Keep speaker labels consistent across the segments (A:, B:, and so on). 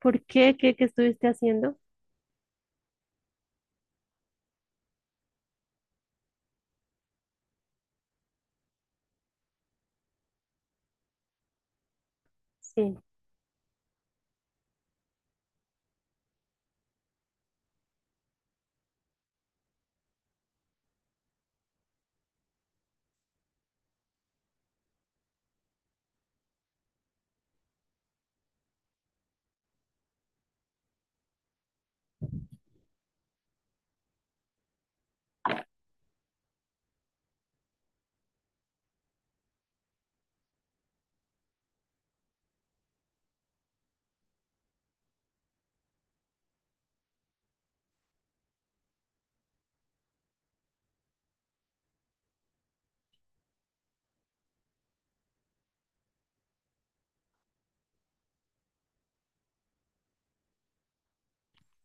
A: ¿Por qué? ¿Qué estuviste haciendo? Sí.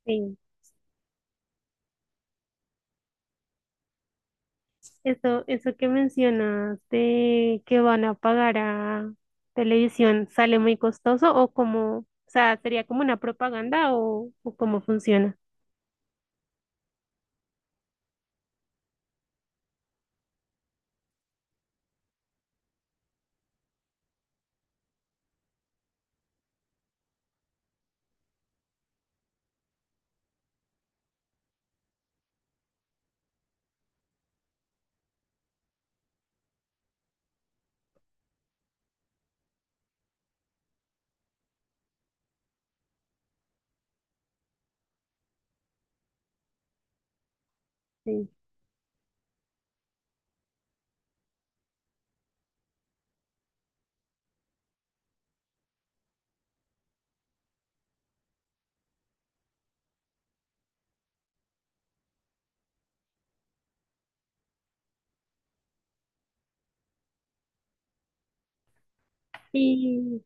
A: Sí. Eso que mencionas de que van a pagar a televisión, ¿sale muy costoso o como, o sea, sería como una propaganda o cómo funciona? Sí. Y,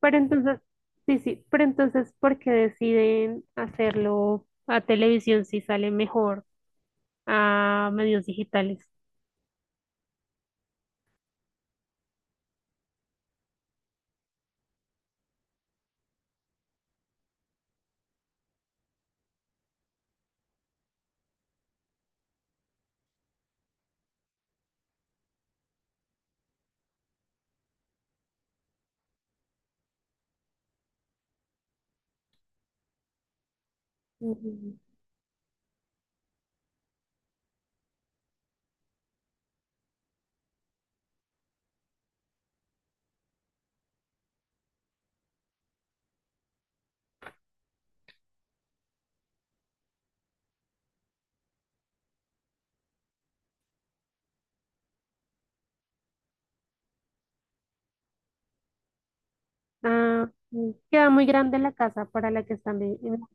A: pero entonces, sí, pero entonces, ¿por qué deciden hacerlo a televisión si sale mejor a medios digitales? Mm. Ah, mm, queda muy grande la casa para la que están viviendo.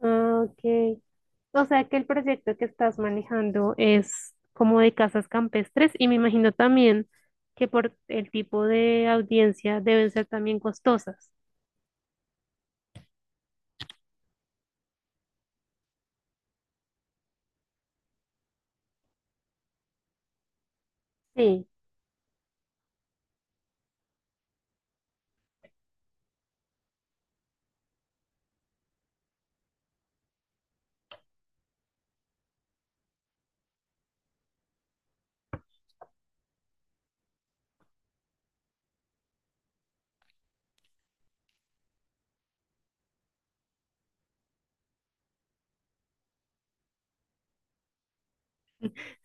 A: Ah, ok. O sea que el proyecto que estás manejando es como de casas campestres y me imagino también que por el tipo de audiencia deben ser también costosas. Sí.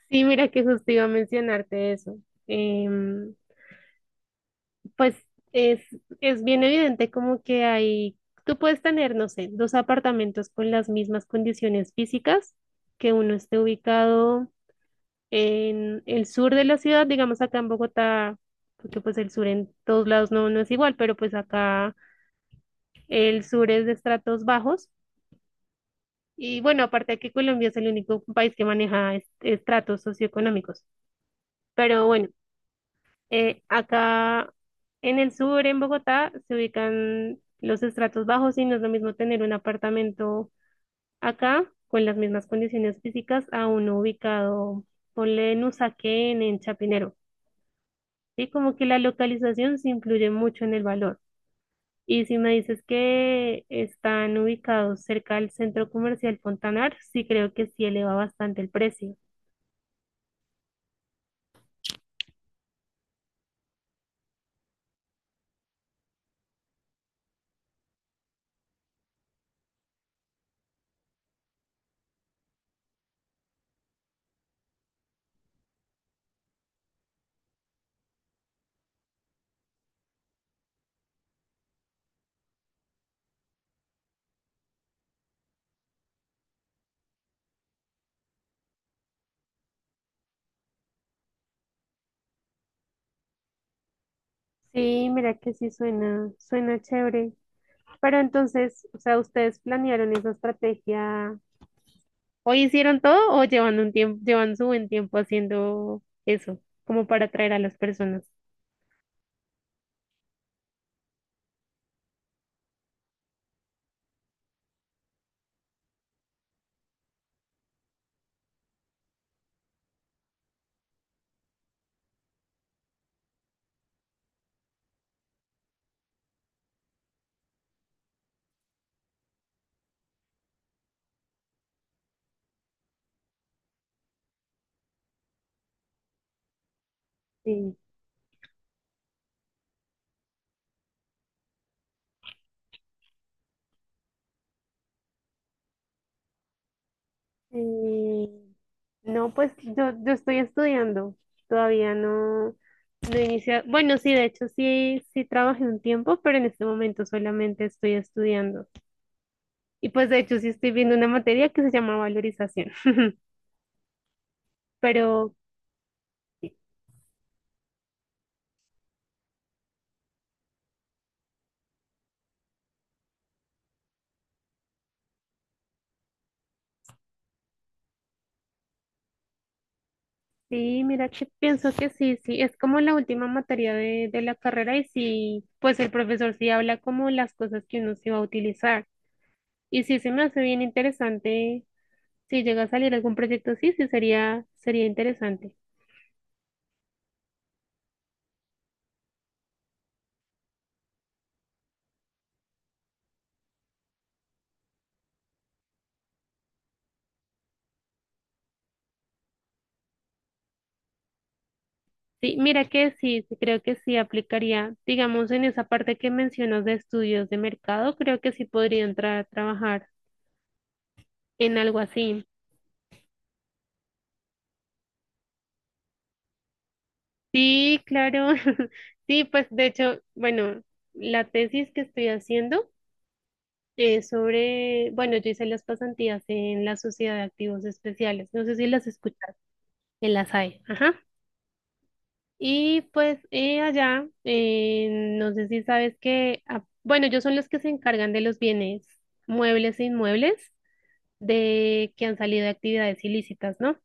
A: Sí, mira que justo iba a mencionarte eso. Em, pues es, es bien evidente como que hay, tú puedes tener, no sé, dos apartamentos con las mismas condiciones físicas, que uno esté ubicado en el sur de la ciudad, digamos acá en Bogotá, porque pues el sur en todos lados no es igual, pero pues acá el sur es de estratos bajos. Y bueno, aparte que Colombia es el único país que maneja estratos socioeconómicos. Pero bueno, acá en el sur, en Bogotá, se ubican los estratos bajos y no es lo mismo tener un apartamento acá con las mismas condiciones físicas a uno ubicado, ponle en Usaquén, en Chapinero. Sí, como que la localización sí influye mucho en el valor. Y si me dices que están ubicados cerca del centro comercial Fontanar, sí creo que sí eleva bastante el precio. Sí, mira que sí suena, suena chévere. Pero entonces, o sea, ¿ustedes planearon esa estrategia? ¿Hoy hicieron todo o llevan un tiempo, llevan su buen tiempo haciendo eso, como para atraer a las personas? Sí. Eh, No, pues yo estoy estudiando, todavía no he iniciado. Bueno, sí, de hecho sí, sí trabajé un tiempo, pero en este momento solamente estoy estudiando. Y pues de hecho sí estoy viendo una materia que se llama valorización. Pero sí, mira que pienso que sí, sí, es como la última materia de la carrera y sí, pues el profesor sí habla como las cosas que uno se va a utilizar. Y sí se me hace bien interesante, si llega a salir algún proyecto, sí, sí sería, sería interesante. Sí, mira que sí, sí, creo que sí aplicaría, digamos, en esa parte que mencionas de estudios de mercado, creo que sí podría entrar a trabajar en algo así. Sí, claro. Sí, pues de hecho, bueno, la tesis que estoy haciendo es sobre, bueno, yo hice las pasantías en la Sociedad de Activos Especiales, no sé si las escuchas, en la SAE, ajá. Y pues allá, no sé si sabes que, ah, bueno, ellos son los que se encargan de los bienes muebles e inmuebles de que han salido de actividades ilícitas, ¿no?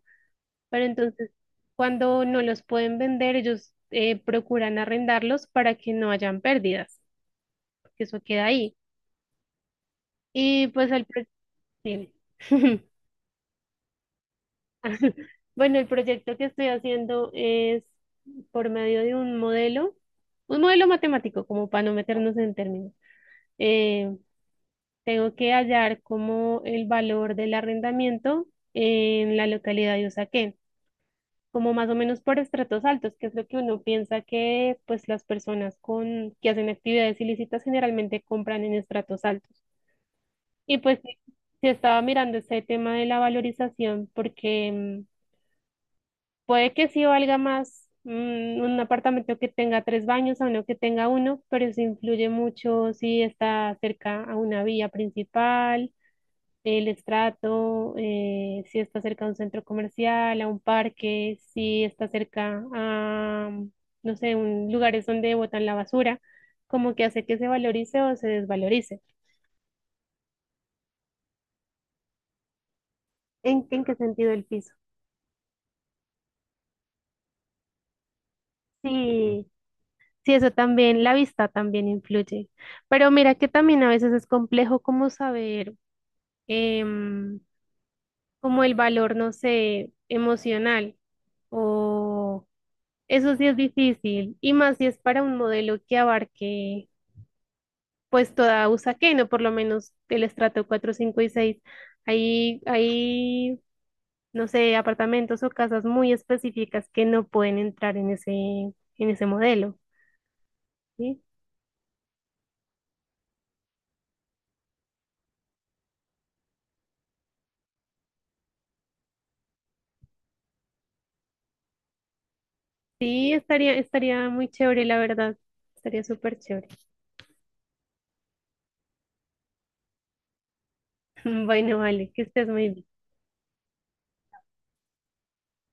A: Pero entonces, cuando no los pueden vender, ellos procuran arrendarlos para que no hayan pérdidas, que eso queda ahí. Y pues el dime. Bueno, el proyecto que estoy haciendo es por medio de un modelo matemático, como para no meternos en términos. Eh, Tengo que hallar como el valor del arrendamiento en la localidad de Usaquén, como más o menos por estratos altos, que es lo que uno piensa que pues las personas con que hacen actividades ilícitas generalmente compran en estratos altos. Y pues sí, sí estaba mirando este tema de la valorización porque puede que sí valga más, mm, un apartamento que tenga tres baños a uno que tenga uno, pero eso influye mucho si está cerca a una vía principal, el estrato, si está cerca de un centro comercial, a un parque, si está cerca a, no sé, un, lugares donde botan la basura, como que hace que se valorice o se desvalorice. En qué sentido el piso? Sí, sí, eso también, la vista también influye. Pero mira que también a veces es complejo como saber, em, como el valor, no sé, emocional o… Eso sí es difícil, y más si es para un modelo que abarque pues toda Usaquén, o por lo menos el estrato cuatro, 5 y seis. Hay, hay, no sé, apartamentos o casas muy específicas que no pueden entrar en en ese modelo, ¿sí? Sí, estaría, estaría muy chévere, la verdad. Estaría súper chévere. Bueno, vale, que estés muy bien.